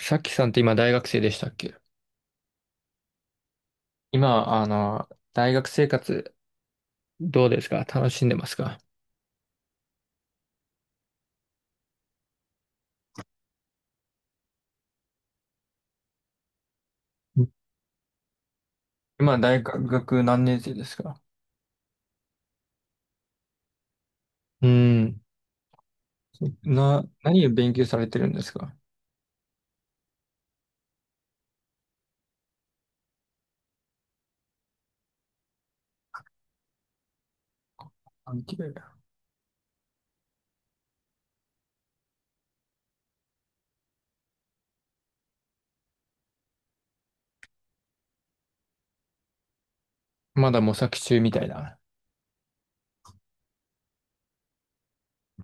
さっきさんって今大学生でしたっけ？今、大学生活どうですか？楽しんでますか？うん。今、大学何年生ですか？うん。何を勉強されてるんですか？関係。まだ模索中みたいな。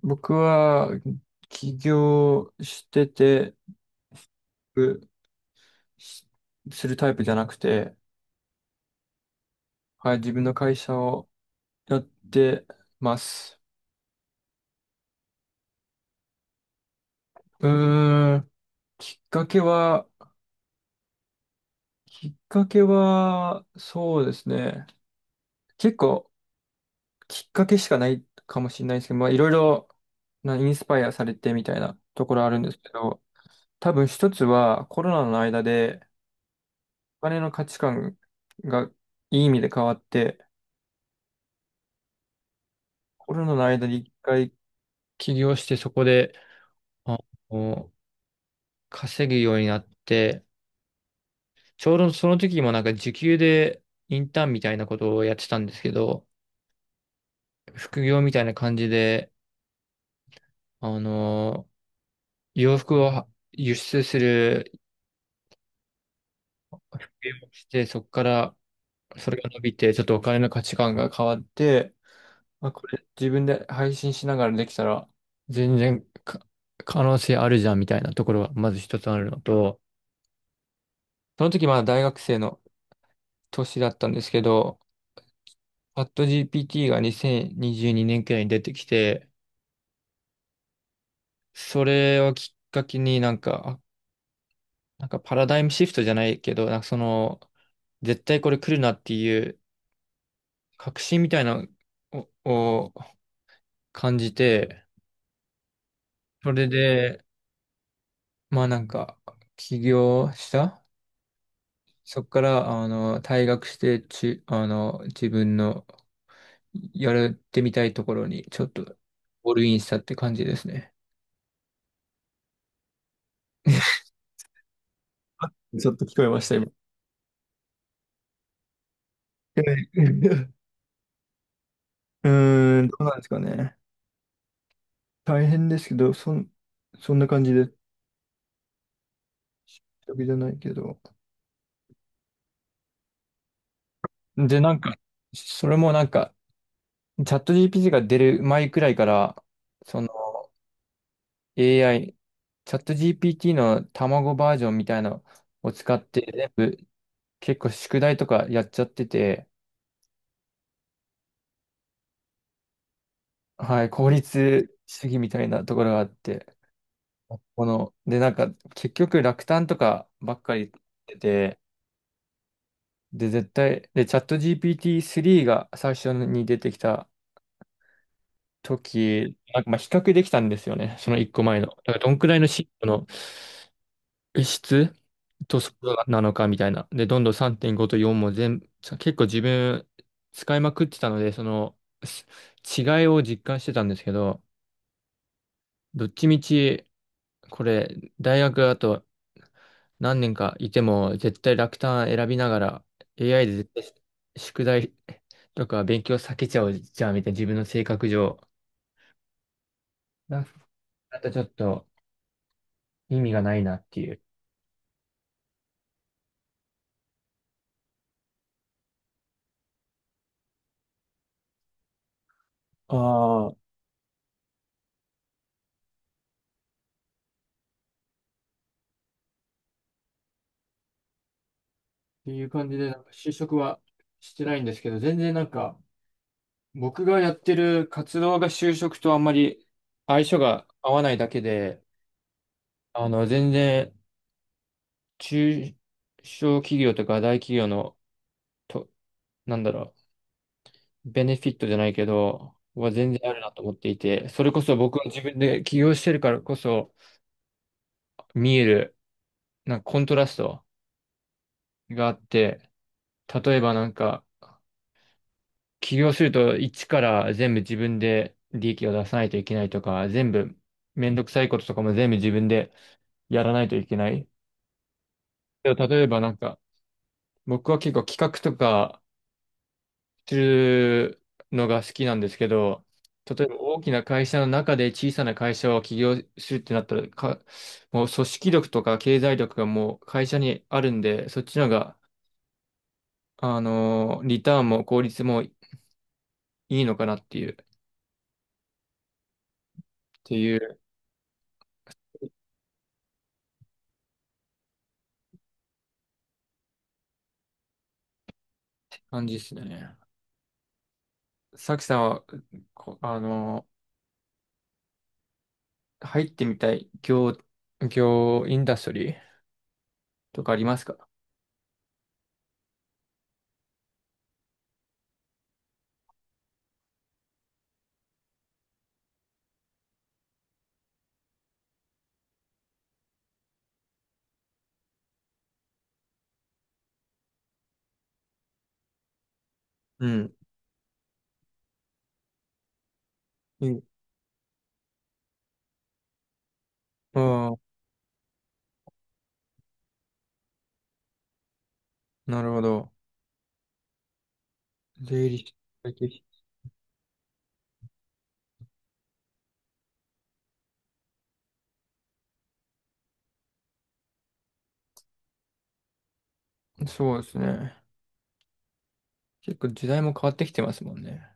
僕は起業してて、うしするタイプじゃなくて、はい、自分の会社をやってます。うーん、きっかけは、きっかけは、そうですね。結構、きっかけしかないかもしれないですけど、まあ、いろいろなインスパイアされてみたいなところあるんですけど、多分一つはコロナの間でお金の価値観がいい意味で変わって、コロナの間に一回起業してそこで、まあの、稼ぐようになって、ちょうどその時もなんか時給でインターンみたいなことをやってたんですけど、副業みたいな感じで、あの洋服を輸出する、して、そこからそれが伸びて、ちょっとお金の価値観が変わって、まあ、これ自分で配信しながらできたら、全然可能性あるじゃんみたいなところがまず一つあるのと、その時まだ大学生の年だったんですけど、チャット GPT が2022年くらいに出てきて、それをきっかけになんか、なんかパラダイムシフトじゃないけど、なんかその、絶対これ来るなっていう確信みたいなを感じて、それで、まあなんか、起業した。そこから、退学して、自分のやってみたいところに、ちょっと、オールインしたって感じですね。ちょっと聞こえました、今。うーん、どうなんですかね。大変ですけど、そんな感じで、時じゃないけど。で、なんか、それもなんか、チャット GPT が出る前くらいから、その AI、チャット GPT の卵バージョンみたいなのを使って全部結構宿題とかやっちゃってて、はい、効率主義みたいなところがあって、で、なんか結局落胆とかばっかり出て、で、絶対、で、チャット GPT3 が最初に出てきた時、なんかまあ比較できたんですよね、その1個前の。だからどんくらいの進歩の質と速度なのかみたいな。で、どんどん3.5と4も全部、結構自分使いまくってたので、そのす違いを実感してたんですけど、どっちみち、これ、大学あと何年かいても絶対楽単選びながら AI で絶対宿題とか勉強避けちゃうじゃんみたいな自分の性格上。だだとちょっと意味がないなっていう。あっていう感じで、なんか就職はしてないんですけど、全然なんか、僕がやってる活動が就職とあんまり相性が合わないだけで、全然中小企業とか大企業の、と、なんだろう、ベネフィットじゃないけど、は全然あるなと思っていて、それこそ僕は自分で起業してるからこそ見える、なんかコントラストがあって、例えばなんか、起業すると一から全部自分で利益を出さないといけないとか、全部めんどくさいこととかも全部自分でやらないといけない。でも例えばなんか、僕は結構企画とかするのが好きなんですけど、例えば大きな会社の中で小さな会社を起業するってなったら、もう組織力とか経済力がもう会社にあるんで、そっちの方が、リターンも効率もいいのかなっていう、ていう感じですね。さきさんは、こあの、入ってみたいインダストリーとかありますか？うん。うん。ああ、なるほど。税理士。会計士。そうですね。結構時代も変わってきてますもんね。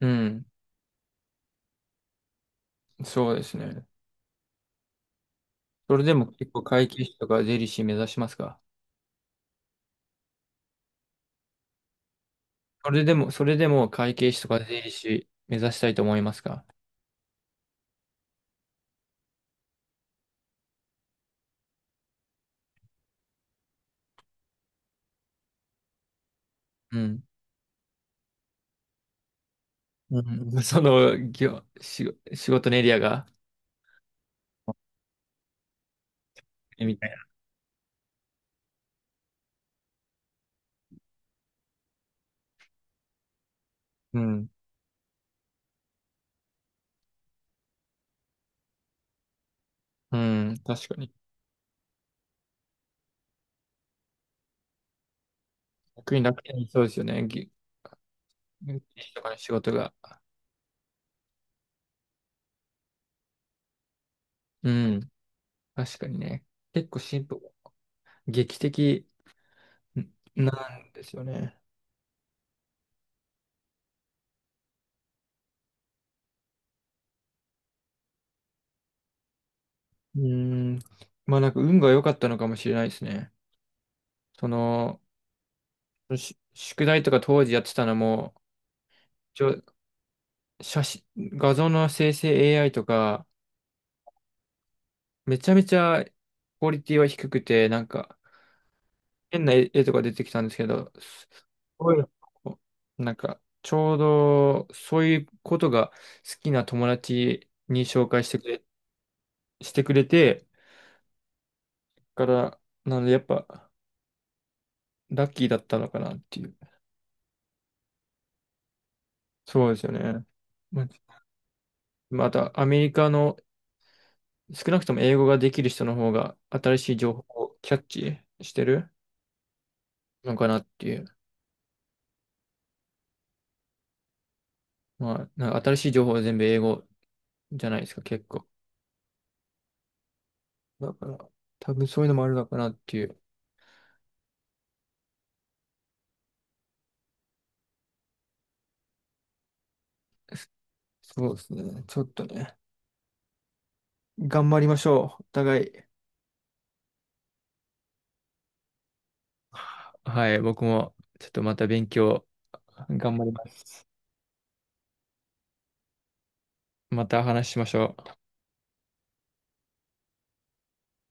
うん。そうですね。それでも結構会計士とか税理士目指しますか？それでも会計士とか税理士目指したいと思いますか？うん。うん、その仕事のエリアがみたいな。うん。うん。確かに。逆に楽にそうですよね。とかの仕事が。うん。確かにね。結構進歩、劇的なんですよね。うん。まあなんか運が良かったのかもしれないですね。その、宿題とか当時やってたのも、ちょ、写真、画像の生成 AI とか、めちゃめちゃクオリティは低くて、なんか変な絵とか出てきたんですけど、こういうのなんか、ちょうど、そういうことが好きな友達に紹介してくれ、してくれて、から、なので、やっぱ、ラッキーだったのかなっていう。そうですよね。ま、また、アメリカの、少なくとも英語ができる人の方が、新しい情報をキャッチしてるのかなっていう。まあ、なんか新しい情報は全部英語じゃないですか、結構。だから、多分そういうのもあるのかなっていう。そうですね。ちょっとね。頑張りましょう。お互い。はい、僕もちょっとまた勉強頑張ります。また話しましょう。